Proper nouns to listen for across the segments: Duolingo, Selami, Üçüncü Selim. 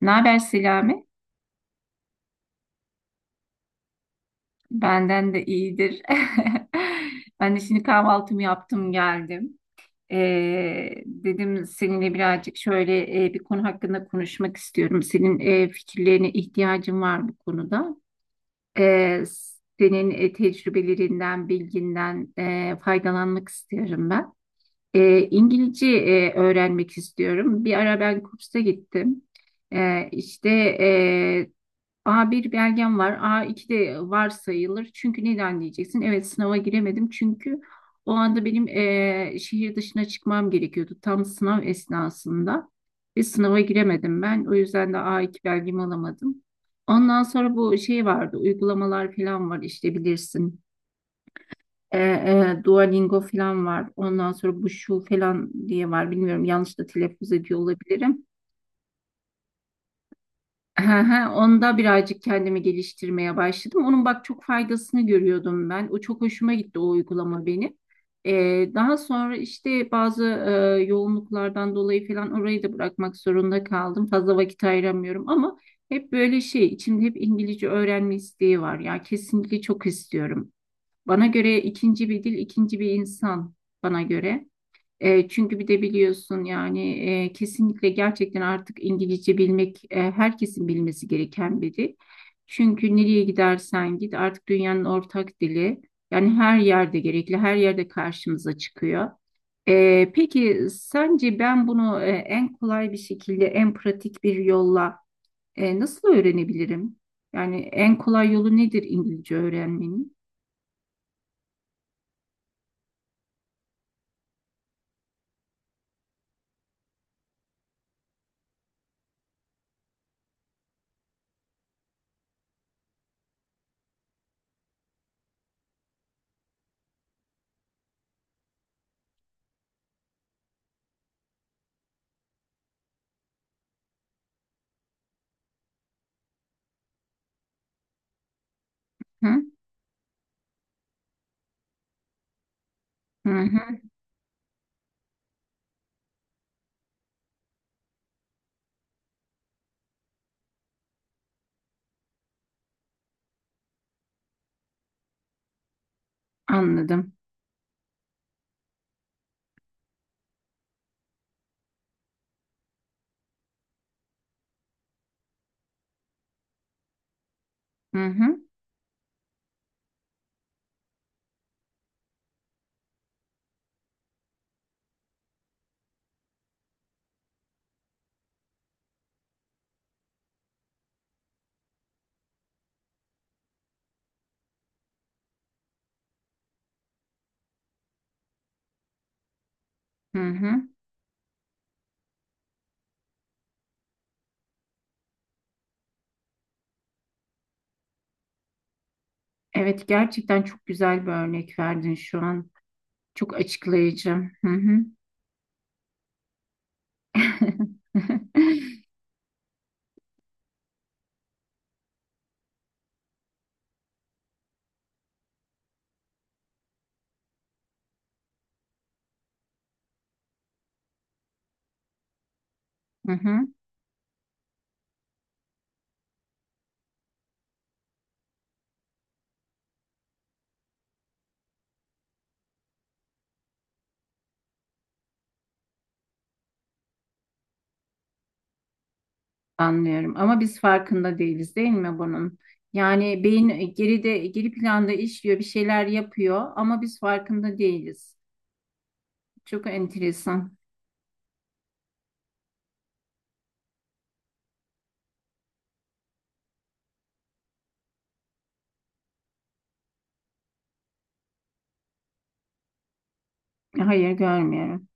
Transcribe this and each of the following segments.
Ne haber Selami? Benden de iyidir. Ben de şimdi kahvaltımı yaptım geldim. Dedim seninle birazcık şöyle bir konu hakkında konuşmak istiyorum. Senin fikirlerine ihtiyacım var bu konuda. Ee, senin tecrübelerinden, bilginden faydalanmak istiyorum ben. İngilizce öğrenmek istiyorum. Bir ara ben kursa gittim. İşte e, a bir belgem var. A iki de var sayılır. Çünkü neden diyeceksin? Evet sınava giremedim. Çünkü o anda benim şehir dışına çıkmam gerekiyordu. Tam sınav esnasında. Ve sınava giremedim ben. O yüzden de a iki belgemi alamadım. Ondan sonra bu şey vardı. Uygulamalar falan var işte bilirsin. Eee, Duolingo falan var. Ondan sonra bu şu falan diye var. Bilmiyorum yanlış da telaffuz ediyor olabilirim. Hı hı, onda birazcık kendimi geliştirmeye başladım. Onun bak çok faydasını görüyordum ben. O çok hoşuma gitti o uygulama benim. Daha sonra işte bazı yoğunluklardan dolayı falan orayı da bırakmak zorunda kaldım. Fazla vakit ayıramıyorum ama hep böyle şey içimde hep İngilizce öğrenme isteği var. Ya kesinlikle çok istiyorum. Bana göre ikinci bir dil, ikinci bir insan bana göre. Çünkü bir de biliyorsun yani kesinlikle gerçekten artık İngilizce bilmek herkesin bilmesi gereken bir dil. Çünkü nereye gidersen git artık dünyanın ortak dili. Yani her yerde gerekli, her yerde karşımıza çıkıyor. Peki sence ben bunu en kolay bir şekilde, en pratik bir yolla nasıl öğrenebilirim? Yani en kolay yolu nedir İngilizce öğrenmenin? Hı hı, hı. Anladım. Hı hı, hı hı. Evet gerçekten çok güzel bir örnek verdin şu an. Çok açıklayıcı. Hı hı. Hı hı. Anlıyorum ama biz farkında değiliz değil mi bunun? Yani beyin geride geri planda işliyor, bir şeyler yapıyor ama biz farkında değiliz. Çok enteresan. Hayır görmüyorum.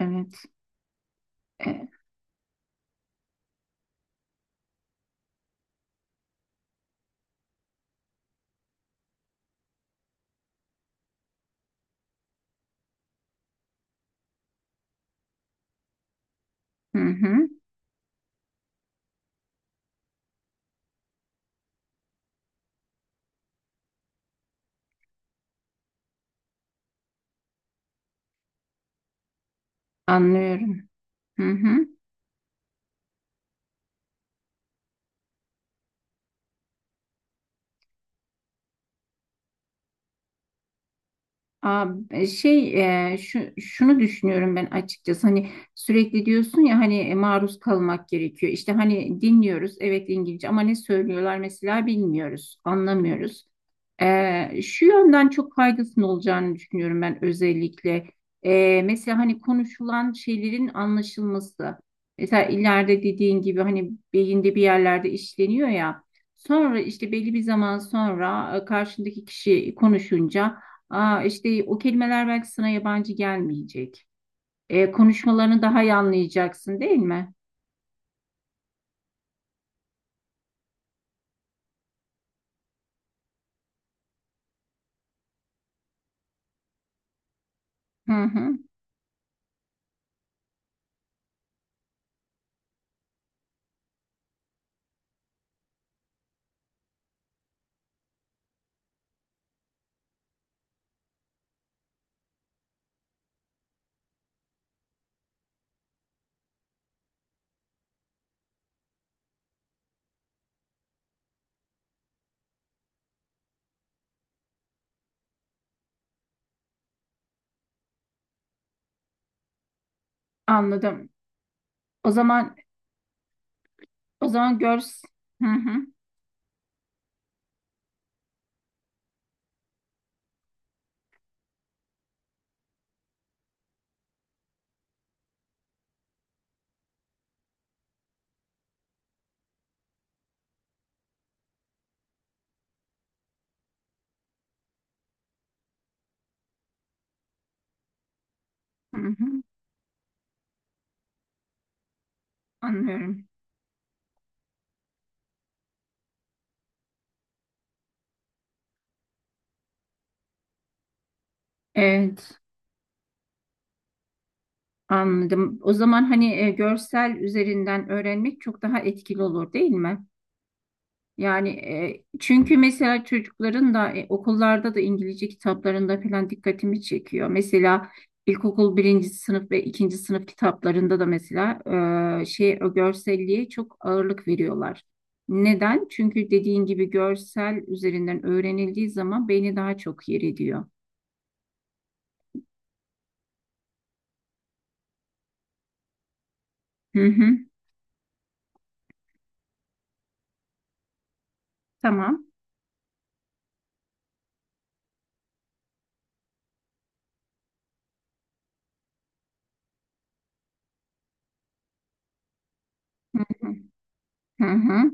Evet. E, hı hı. Anlıyorum. Hı hı. Aa, şey şunu düşünüyorum ben açıkçası hani sürekli diyorsun ya hani maruz kalmak gerekiyor. İşte hani dinliyoruz evet İngilizce ama ne söylüyorlar mesela bilmiyoruz anlamıyoruz. Şu yönden çok faydasının olacağını düşünüyorum ben özellikle. Mesela hani konuşulan şeylerin anlaşılması mesela ileride dediğin gibi hani beyinde bir yerlerde işleniyor ya sonra işte belli bir zaman sonra karşındaki kişi konuşunca aa, işte o kelimeler belki sana yabancı gelmeyecek. Konuşmalarını daha iyi anlayacaksın değil mi? Hı hı, anladım. O zaman o zaman Hı hı, hı hı, anlıyorum. Evet, anladım. O zaman hani görsel üzerinden öğrenmek çok daha etkili olur değil mi? Yani çünkü mesela çocukların da okullarda da İngilizce kitaplarında falan dikkatimi çekiyor. Mesela ilkokul birinci sınıf ve ikinci sınıf kitaplarında da mesela şey o görselliğe çok ağırlık veriyorlar. Neden? Çünkü dediğin gibi görsel üzerinden öğrenildiği zaman beyni daha çok yer ediyor. Hı hı. Tamam. Hı hı. Hı hı.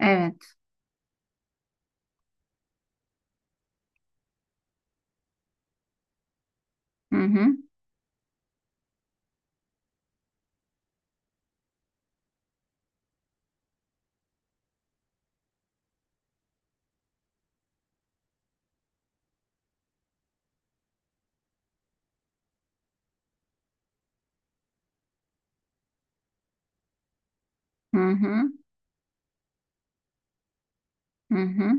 Evet. Hı hı. Hı hı. Hı hı.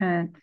Evet.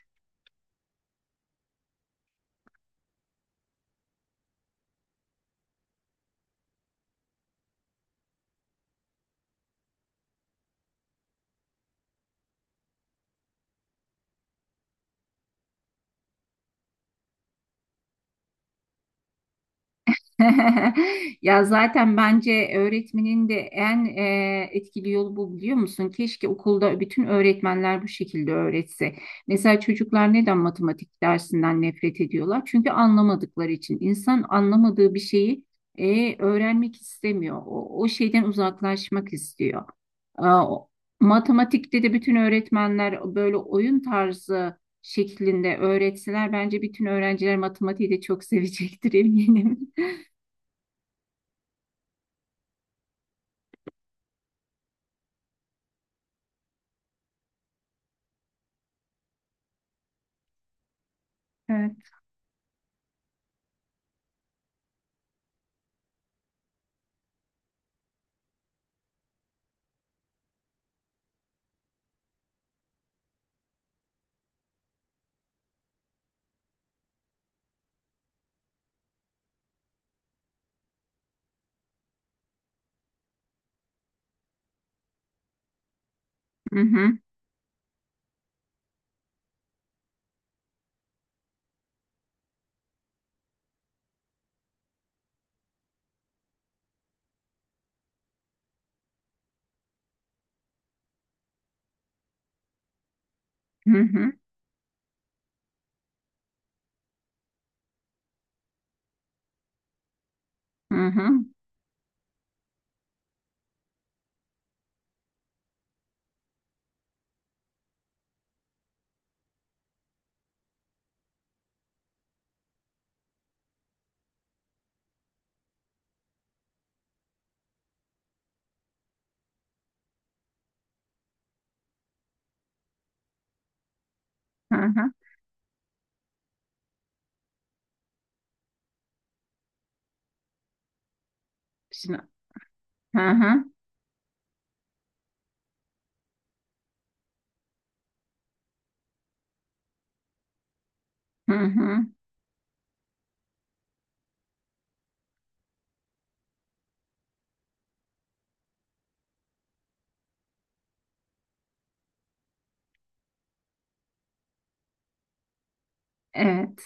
Ya zaten bence öğretmenin de en etkili yolu bu biliyor musun? Keşke okulda bütün öğretmenler bu şekilde öğretse. Mesela çocuklar neden matematik dersinden nefret ediyorlar? Çünkü anlamadıkları için. İnsan anlamadığı bir şeyi öğrenmek istemiyor. O şeyden uzaklaşmak istiyor. Aa, matematikte de bütün öğretmenler böyle oyun tarzı şeklinde öğretseler bence bütün öğrenciler matematiği de çok sevecektir eminim. Evet. Hı hı. Hı hı. Hı hı. Hı hı. Şimdi. Hı hı. Hı hı. Evet.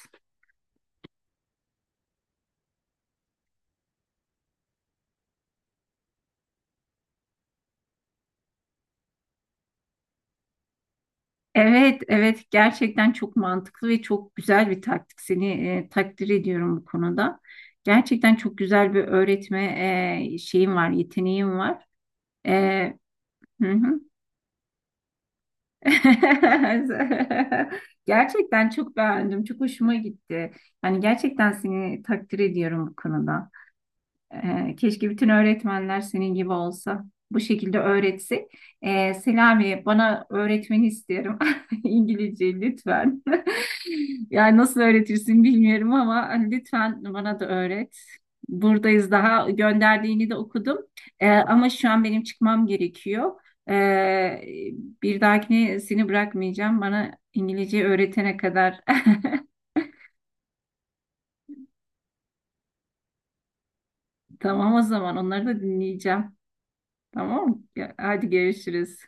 Evet, evet. Gerçekten çok mantıklı ve çok güzel bir taktik. Seni takdir ediyorum bu konuda. Gerçekten çok güzel bir öğretme şeyim var, yeteneğim var. E, hı hı. Gerçekten çok beğendim. Çok hoşuma gitti. Yani gerçekten seni takdir ediyorum bu konuda. Keşke bütün öğretmenler senin gibi olsa. Bu şekilde öğretse. Selami bana öğretmeni istiyorum. İngilizce lütfen. Yani nasıl öğretirsin bilmiyorum ama lütfen bana da öğret. Buradayız daha gönderdiğini de okudum. Ama şu an benim çıkmam gerekiyor. Ee, bir dahakine seni bırakmayacağım. Bana İngilizce öğretene kadar. Tamam o zaman onları da dinleyeceğim. Tamam mı? Hadi görüşürüz.